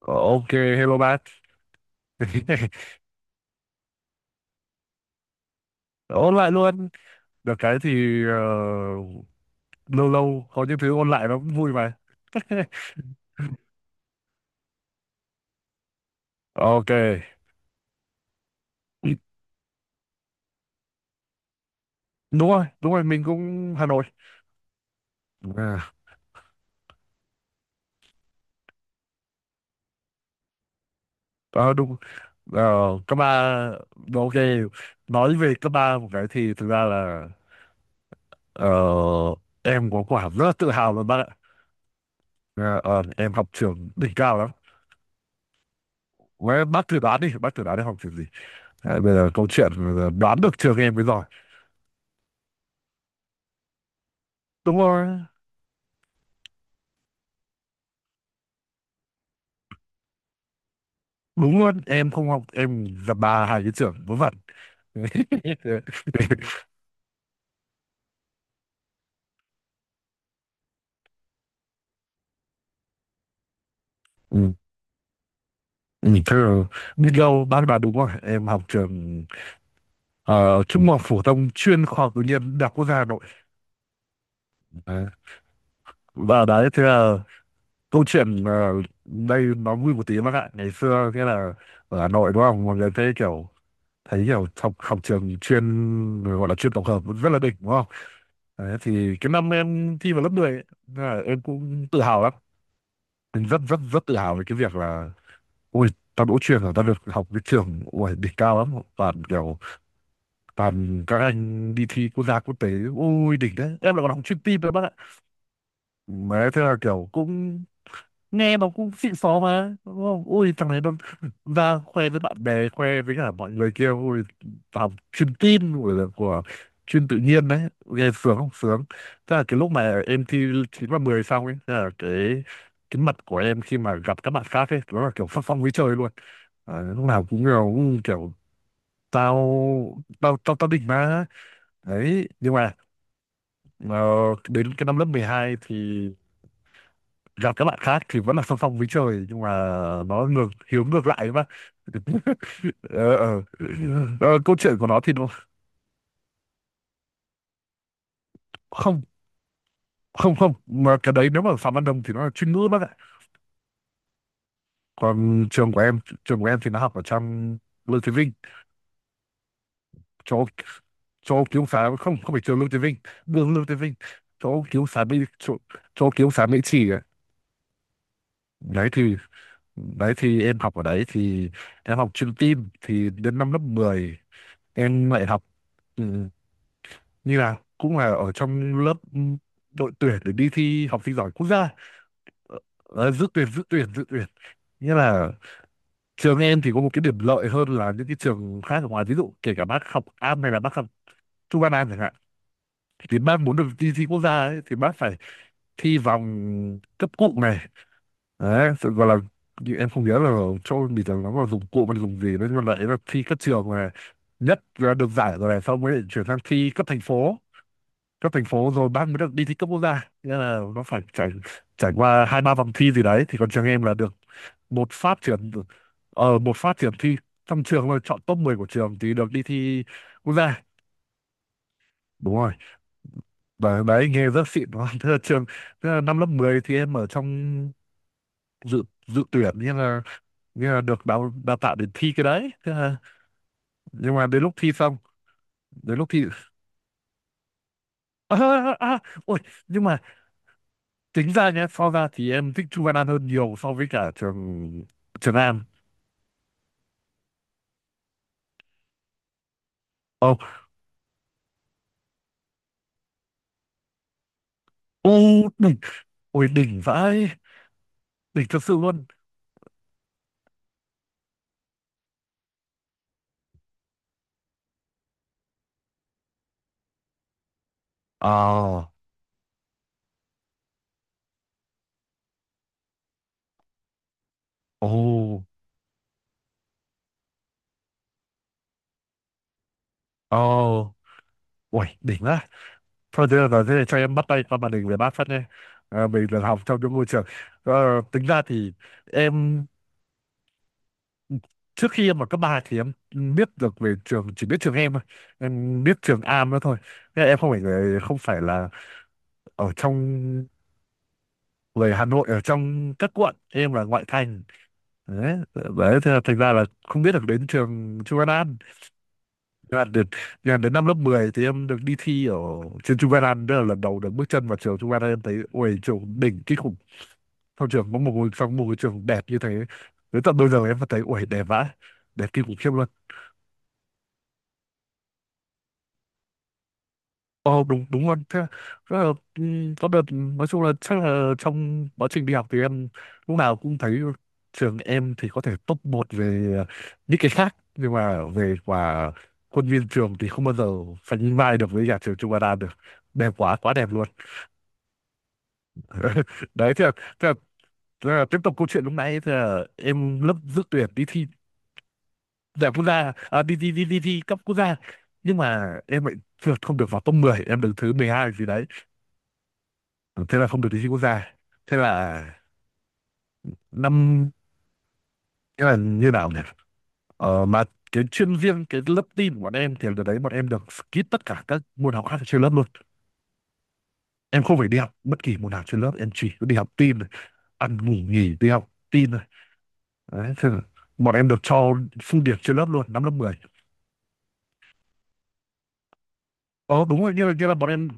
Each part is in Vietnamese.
Ok hello bạn. Ôn lại luôn. Được cái thì lâu lâu có những thứ ôn lại nó cũng vui mà. Ok. Đúng rồi, đúng rồi, mình cũng Hà Nội. À, ờ, đúng. ờ, cấp ba. Ok, nói về cấp ba một cái thì thực ra là ờ, em có quả rất là tự hào luôn bác ạ. Ờ, em học trường đỉnh cao lắm. Với bác thử đoán đi, bác thử đoán đi học trường gì. À, bây giờ câu chuyện là đoán được trường em mới giỏi. Đúng rồi. Đúng luôn, em không học, em gặp bà hai cái trưởng vớ vẩn. Ừ. Ừ, thế là biết đâu bác bà đúng rồi em học trường trung học phổ thông chuyên khoa học tự nhiên đại học quốc gia Hà Nội. Đấy. Và đấy thế là câu chuyện đây nó vui một tí bác ạ. Ngày xưa thế là ở Hà Nội đúng không mọi người thấy kiểu, học học trường chuyên gọi là chuyên tổng hợp rất là đỉnh đúng không. Đấy, thì cái năm em thi vào lớp 10, ấy, thế là em cũng tự hào lắm. Mình rất rất rất tự hào về cái việc là ôi tao đỗ chuyên rồi, tao được học cái trường ôi đỉnh cao lắm, toàn kiểu toàn các anh đi thi quốc gia quốc tế, ôi đỉnh đấy, em lại còn học chuyên tin đấy bác ạ. Mà thế là kiểu cũng nghe mà cũng xịn xó mà đúng không, ui thằng này nó ra khoe với bạn bè, khoe với cả mọi người kia, ui làm chuyên tin của chuyên tự nhiên đấy, nghe sướng không sướng. Thế là cái lúc mà em thi 9 và 10 xong ấy, thế là cái mặt của em khi mà gặp các bạn khác ấy nó là kiểu phát phong với trời luôn. À, lúc nào cũng kiểu tao tao tao tao đỉnh mà. Đấy nhưng mà ờ, đến cái năm lớp 12 thì gặp các bạn khác thì vẫn là song song với trời nhưng mà nó ngược hiếu ngược lại mà. Ờ, ờ. Ờ, câu chuyện của nó thì nó. Không, không, không, mà cái đấy nếu mà Phạm Văn Đồng thì nó là chuyên ngữ bác ạ. Còn trường của em, trường của em thì nó học ở trong Lương Thế Vinh, chỗ chỗ ký túc xá. Không, không phải trường Lương Thế Vinh, đường Lương Thế Vinh, chỗ ký túc xá Mỹ, chỗ, chỗ ký túc xá Mỹ Trì ấy. Đấy thì, đấy thì em học ở đấy thì em học chuyên tin thì đến năm lớp 10 em lại học, ừ, như là cũng là ở trong lớp, ừ, đội tuyển để đi thi học sinh giỏi quốc gia. Ờ, dự tuyển dự tuyển, nghĩa là trường em thì có một cái điểm lợi hơn là những cái trường khác ở ngoài, ví dụ kể cả bác học am hay là bác học trung văn an chẳng hạn, thì bác muốn được đi thi quốc gia ấy, thì bác phải thi vòng cấp cụm này. Đấy sự- gọi là, như em không nhớ là cho mình là nó là dùng cụm hay dùng gì đấy, nhưng mà lại là thi các trường này nhất là được giải rồi này, xong mới chuyển sang thi cấp thành phố. Cấp thành phố rồi bạn mới được đi thi cấp quốc gia, nghĩa là nó phải trải, trải qua hai ba vòng thi gì đấy, thì còn trường em là được một phát triển, một phát triển thi trong trường, là chọn top 10 của trường thì được đi thi quốc gia. Đúng rồi. Đấy, đấy nghe rất xịn đúng không? Thế là trường, thế là năm lớp 10 thì em ở trong dự dự tuyển, nghĩa là, được đào đào tạo để thi cái đấy thế là, nhưng mà đến lúc thi xong, đến lúc thi. À, à, à, à, ôi. Nhưng mà tính ra nhé, so ra thì em thích Chu Văn An hơn nhiều so với cả trường Trường An. Ồ, ô đỉnh, ôi đỉnh vãi, đỉnh thật sự luôn. À, ồ, ồ, ôi đỉnh quá. Thôi thế là thế này cho em bắt tay qua màn hình về bác phát nhé. À, mình được học trong những môi trường. Ờ, tính ra thì em trước khi em ở cấp 3 thì em biết được về trường chỉ biết trường em thôi, em biết trường Am đó thôi. Thế là em không phải không phải là ở trong, về Hà Nội ở trong các quận, em là ngoại thành. Đấy, đấy thế là thành ra là không biết được đến trường Chu Văn An. Nhưng mà đến, nhưng mà đến năm lớp 10 thì em được đi thi ở trên Chu Văn An, đó là lần đầu được bước chân vào trường Chu Văn An, em thấy ui trường đỉnh kinh khủng. Trong trường có một ngôi, trong một ngôi trường đẹp như thế, đến tận bây giờ em vẫn thấy ui đẹp vãi, đẹp kinh khủng khiếp luôn. Ồ đúng, đúng luôn, thế là, rất là ừ, có đợt nói chung là chắc là trong quá trình đi học thì em lúc nào cũng thấy trường em thì có thể top một về những cái khác, nhưng mà về quả khuôn viên trường thì không bao giờ sánh vai được với nhà trường Trung Hoa Đan được, đẹp quá quá đẹp luôn. Đấy thế là, thế là, thế là tiếp tục câu chuyện lúc nãy, thế là em lớp dự tuyển đi thi giải quốc gia. À, đi đi đi đi thi cấp quốc gia, nhưng mà em lại trượt, không được vào top 10, em đứng thứ 12 gì đấy, thế là không được đi thi quốc gia. Thế là năm, thế là như nào nhỉ, mà cái chuyên riêng cái lớp tin của bọn em thì đợt đấy bọn em được skip tất cả các môn học khác ở trên lớp luôn. Em không phải đi học bất kỳ môn nào trên lớp, em chỉ có đi học tin thôi, ăn ngủ nghỉ đi học tin thôi. Đấy thế là bọn em được cho phương điểm trên lớp luôn năm lớp 10. Ờ đúng rồi như là, bọn em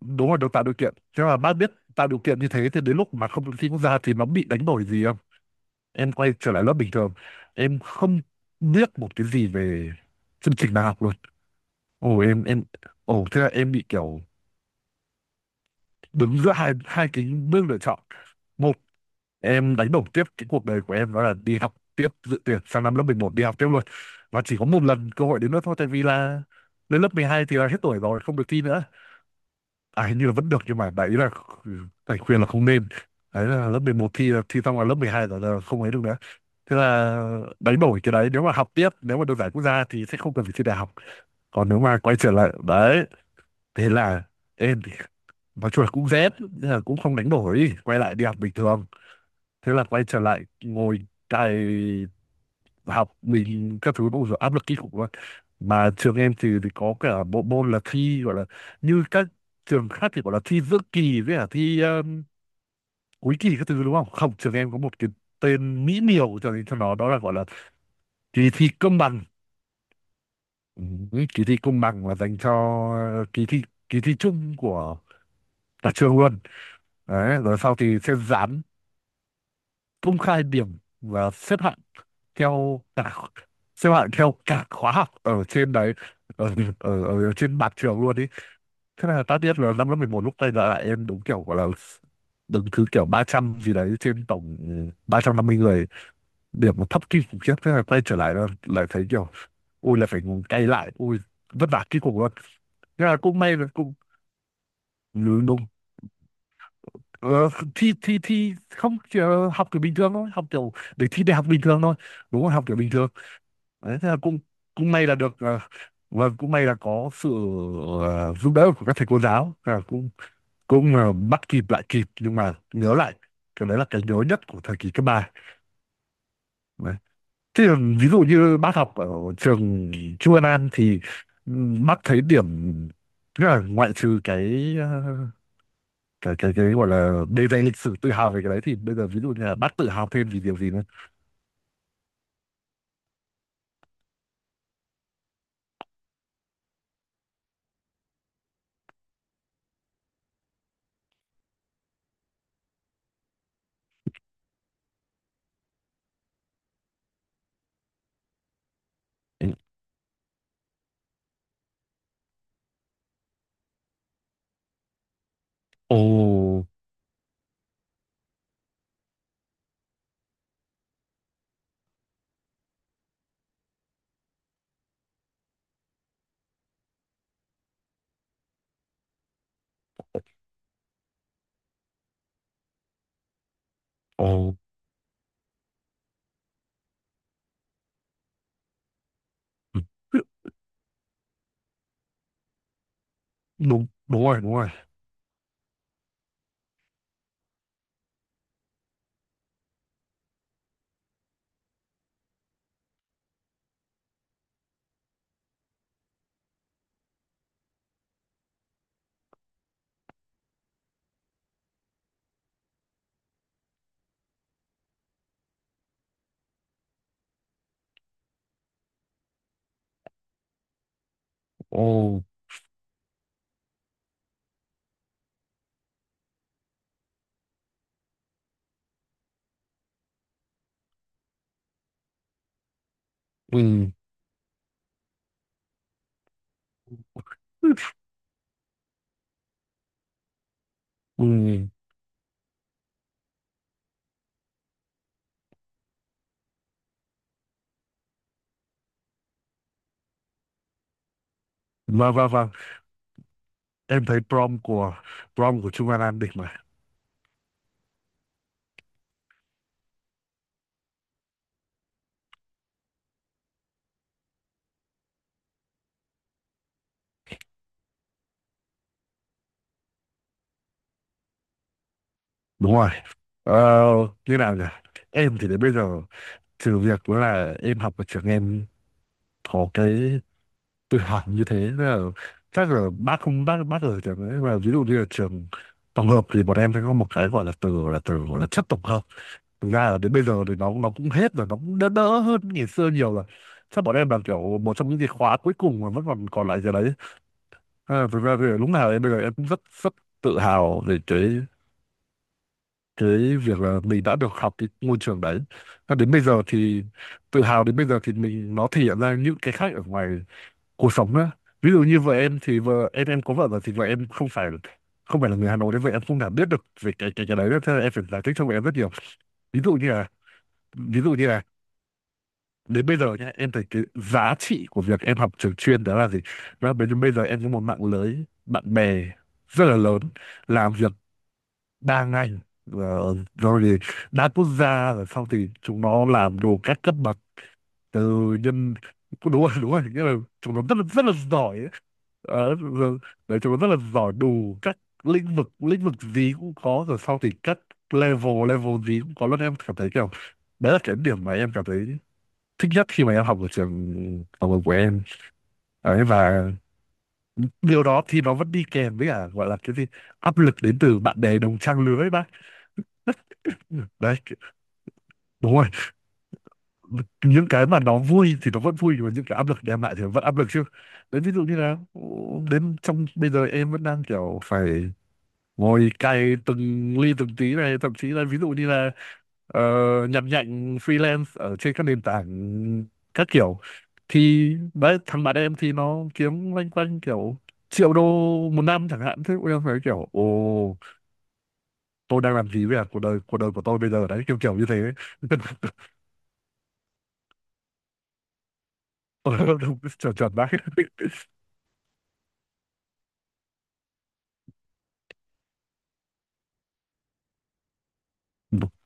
đúng rồi được tạo điều kiện, thế mà bác biết tạo điều kiện như thế thì đến lúc mà không được thi quốc gia thì nó bị đánh đổi gì, em quay trở lại lớp bình thường, em không biết một cái gì về chương trình đại học luôn. Ồ em, ồ thế là em bị kiểu đứng giữa hai hai cái bước lựa chọn. Một, em đánh đổi tiếp cái cuộc đời của em đó là đi học tiếp dự tuyển sang năm lớp 11 đi học tiếp luôn, và chỉ có một lần cơ hội đến nữa thôi tại vì là lên lớp 12 thì là hết tuổi rồi không được thi nữa. À, hình như là vẫn được nhưng mà đại ý là thầy khuyên là không nên. Đấy là lớp 11 thi là thi xong là lớp 12 rồi là không ấy được nữa, thế là đánh đổi cái đấy nếu mà học tiếp nếu mà được giải quốc gia thì sẽ không cần phải thi đại học. Còn nếu mà quay trở lại đấy, thế là em thì nói chung là cũng rét nhưng là cũng không đánh đổi, quay lại đi học bình thường. Thế là quay trở lại ngồi cày học mình các thứ nó cũng rồi áp lực kinh khủng luôn. Mà trường em thì có cả bộ môn là thi, gọi là như các trường khác thì gọi là thi giữa kỳ với cả thi cuối kỳ các thứ đúng không. Không, trường em có một cái tên mỹ miều cho nó, đó là gọi là kỳ thi công bằng. Ừ, kỳ thi công bằng là dành cho kỳ thi, kỳ thi chung của cả trường luôn. Đấy rồi sau thì sẽ dán công khai điểm và xếp hạng theo cả, xếp hạng theo cả khóa học ở trên đấy, ở trên mặt trường luôn ý. Thế là tất nhiên là năm lớp 11 lúc đây là em đúng kiểu gọi là đứng thứ kiểu 300 gì đấy trên tổng ừ, 350 người, điểm thấp kinh khủng khiếp. Thế là quay trở lại là lại thấy kiểu ui là phải ngồi cày lại ui vất vả kinh khủng luôn. Nhưng mà cũng may là cũng đúng, đúng. Ờ, thi thi thi không chỉ là học kiểu bình thường thôi, học kiểu để thi đại học bình thường thôi. Đúng rồi. Học kiểu bình thường. Đấy, thế là cũng cũng may là được, và cũng may là có sự giúp đỡ của các thầy cô giáo. Thế là cũng cũng ờ, bắt kịp, lại kịp, nhưng mà nhớ lại cái đấy là cái nhớ nhất của thời kỳ cấp ba đấy. Thế là ví dụ như bác học ở trường Chu Văn An thì, bác thấy điểm, tức là ngoại trừ cái cái gọi là đề danh lịch sử, tự hào về cái đấy, thì bây giờ ví dụ như là bác tự hào thêm vì điều gì nữa? Ồ, ồ, đúng đúng rồi, đúng rồi. Ồ. Ừ, ừ. Vâng, vâng, vâng. Em thấy prom của Trung Văn An đỉnh mà. Đúng rồi. Ờ, Như nào nhỉ? Em thì đến bây giờ, trừ việc đó là em học ở trường em có cái tự học như thế, nên là chắc là bác không bác bác ở trường ấy, mà ví dụ như là trường tổng hợp, thì bọn em sẽ có một cái gọi là từ gọi là chất tổng hợp. Thực ra là đến bây giờ thì nó cũng hết rồi, nó cũng đỡ, đỡ hơn ngày xưa nhiều rồi. Chắc bọn em là kiểu một trong những cái khóa cuối cùng mà vẫn còn còn lại giờ đấy. À, thực ra thì lúc nào em, bây giờ em cũng rất rất tự hào về cái việc là mình đã được học cái môi trường đấy. Và đến bây giờ thì, tự hào đến bây giờ thì mình, nó thể hiện ra những cái khác ở ngoài cuộc sống á. Ví dụ như vợ em, thì vợ em có vợ rồi, thì vợ em không phải, không phải là người Hà Nội đấy, vậy em không nào biết được về cái đấy nữa. Thế là em phải giải thích cho vợ em rất nhiều, ví dụ như là, ví dụ như là đến bây giờ nhá, em thấy cái giá trị của việc em học trường chuyên đó là gì, và là bây giờ em có một mạng lưới bạn bè rất là lớn, làm việc đa ngành, rồi thì đa quốc gia, rồi sau thì chúng nó làm đủ các cấp bậc, từ nhân. Đúng rồi, đúng rồi, nghĩa là chúng nó rất là giỏi ấy. Ờ, rồi- Đấy, chúng nó rất là giỏi, đủ các lĩnh vực, lĩnh vực gì cũng có, rồi sau thì các level, level gì cũng có luôn. Em cảm thấy kiểu đấy là cái điểm mà em cảm thấy thích nhất khi mà em học ở trường học của em. Đấy, và điều đó thì nó vẫn đi kèm với cả gọi là cái gì, áp lực đến từ bạn bè đồng trang lứa ấy bác. Đấy. Đúng rồi, những cái mà nó vui thì nó vẫn vui, nhưng mà những cái áp lực đem lại thì nó vẫn áp lực chứ. Đấy, ví dụ như là đến trong bây giờ em vẫn đang kiểu phải ngồi cày từng ly từng tí này, thậm chí là ví dụ như là, ờ, nhặt nhạnh freelance ở trên các nền tảng các kiểu, thì đấy, thằng bạn em thì nó kiếm loanh quanh kiểu triệu đô một năm chẳng hạn, thế bọn em phải kiểu, ồ, tôi đang làm gì với cả cuộc đời của tôi bây giờ? Đấy, kiểu kiểu như thế. Tôi chuẩn, chuẩn bác.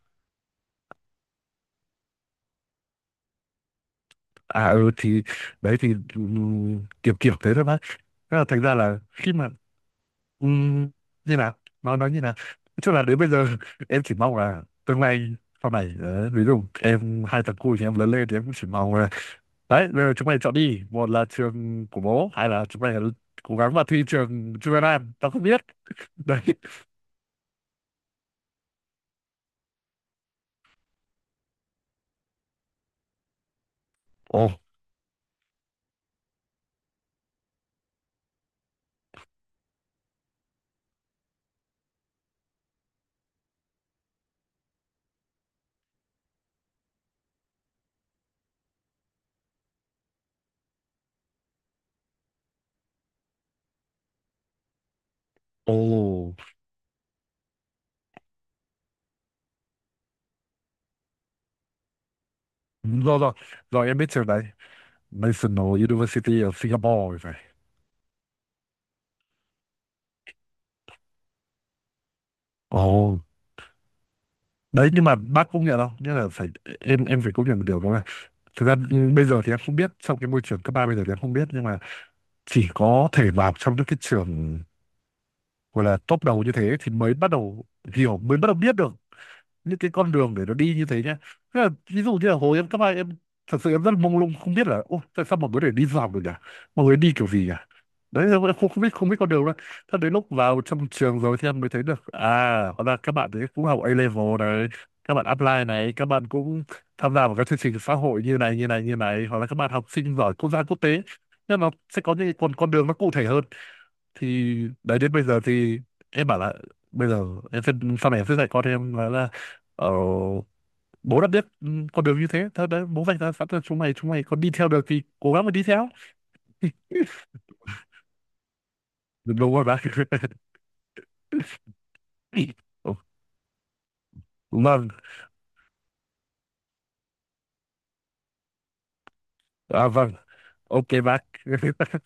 À, ừ thì đấy thì, kiểu kiểu thế thôi bác. Thế là thành ra là khi mà, ừm, như nào, nó nói như nào, nói chung là đến bây giờ em chỉ mong là tương lai sau này, ví dụ em hai thằng cu thì em lớn lên, thì em cũng chỉ mong là, đấy, bây giờ chúng mày chọn đi, một là trường của bố, hay là chúng mày cố gắng vào thi trường chuyên, Nam tao không biết. Đấy. Ồ. Ồ. Rồi, rồi, rồi, em biết trường đấy. National University of Singapore rồi phải. Ồ. Đấy nhưng mà bác cũng nhận đâu, nghĩa là phải, em phải công nhận một điều đó là, thực ra ừ, bây giờ thì em không biết trong cái môi trường cấp ba bây giờ thì em không biết, nhưng mà chỉ có thể vào trong những cái trường gọi là top đầu như thế thì mới bắt đầu hiểu, mới bắt đầu biết được những cái con đường để nó đi như thế nhá. Thế là, ví dụ như là hồi em cấp hai, em thật sự em rất mông lung, không biết là, ô, tại sao mọi người để đi dọc được nhỉ, mọi người đi kiểu gì nhỉ? Đấy, em không biết con đường đâu. Thế đến lúc vào trong trường rồi thì em mới thấy được, à, hóa ra các bạn đấy cũng học A level này, các bạn apply này, các bạn cũng tham gia vào các chương trình xã hội như này, như này, như này, hoặc là các bạn học sinh giỏi quốc gia, quốc tế, nên nó sẽ có những con đường nó cụ thể hơn thì. Đấy, đến bây giờ thì em bảo là, bây giờ em sẽ, sau này em sẽ dạy con em ờ, bố đã biết, ừ, con đường như thế thôi đấy, bố vạch ra sẵn cho chúng mày, chúng mày còn đi theo được thì cố gắng mà đi theo. Đúng rồi bác. Ồ, vâng. À, vâng, ok bác.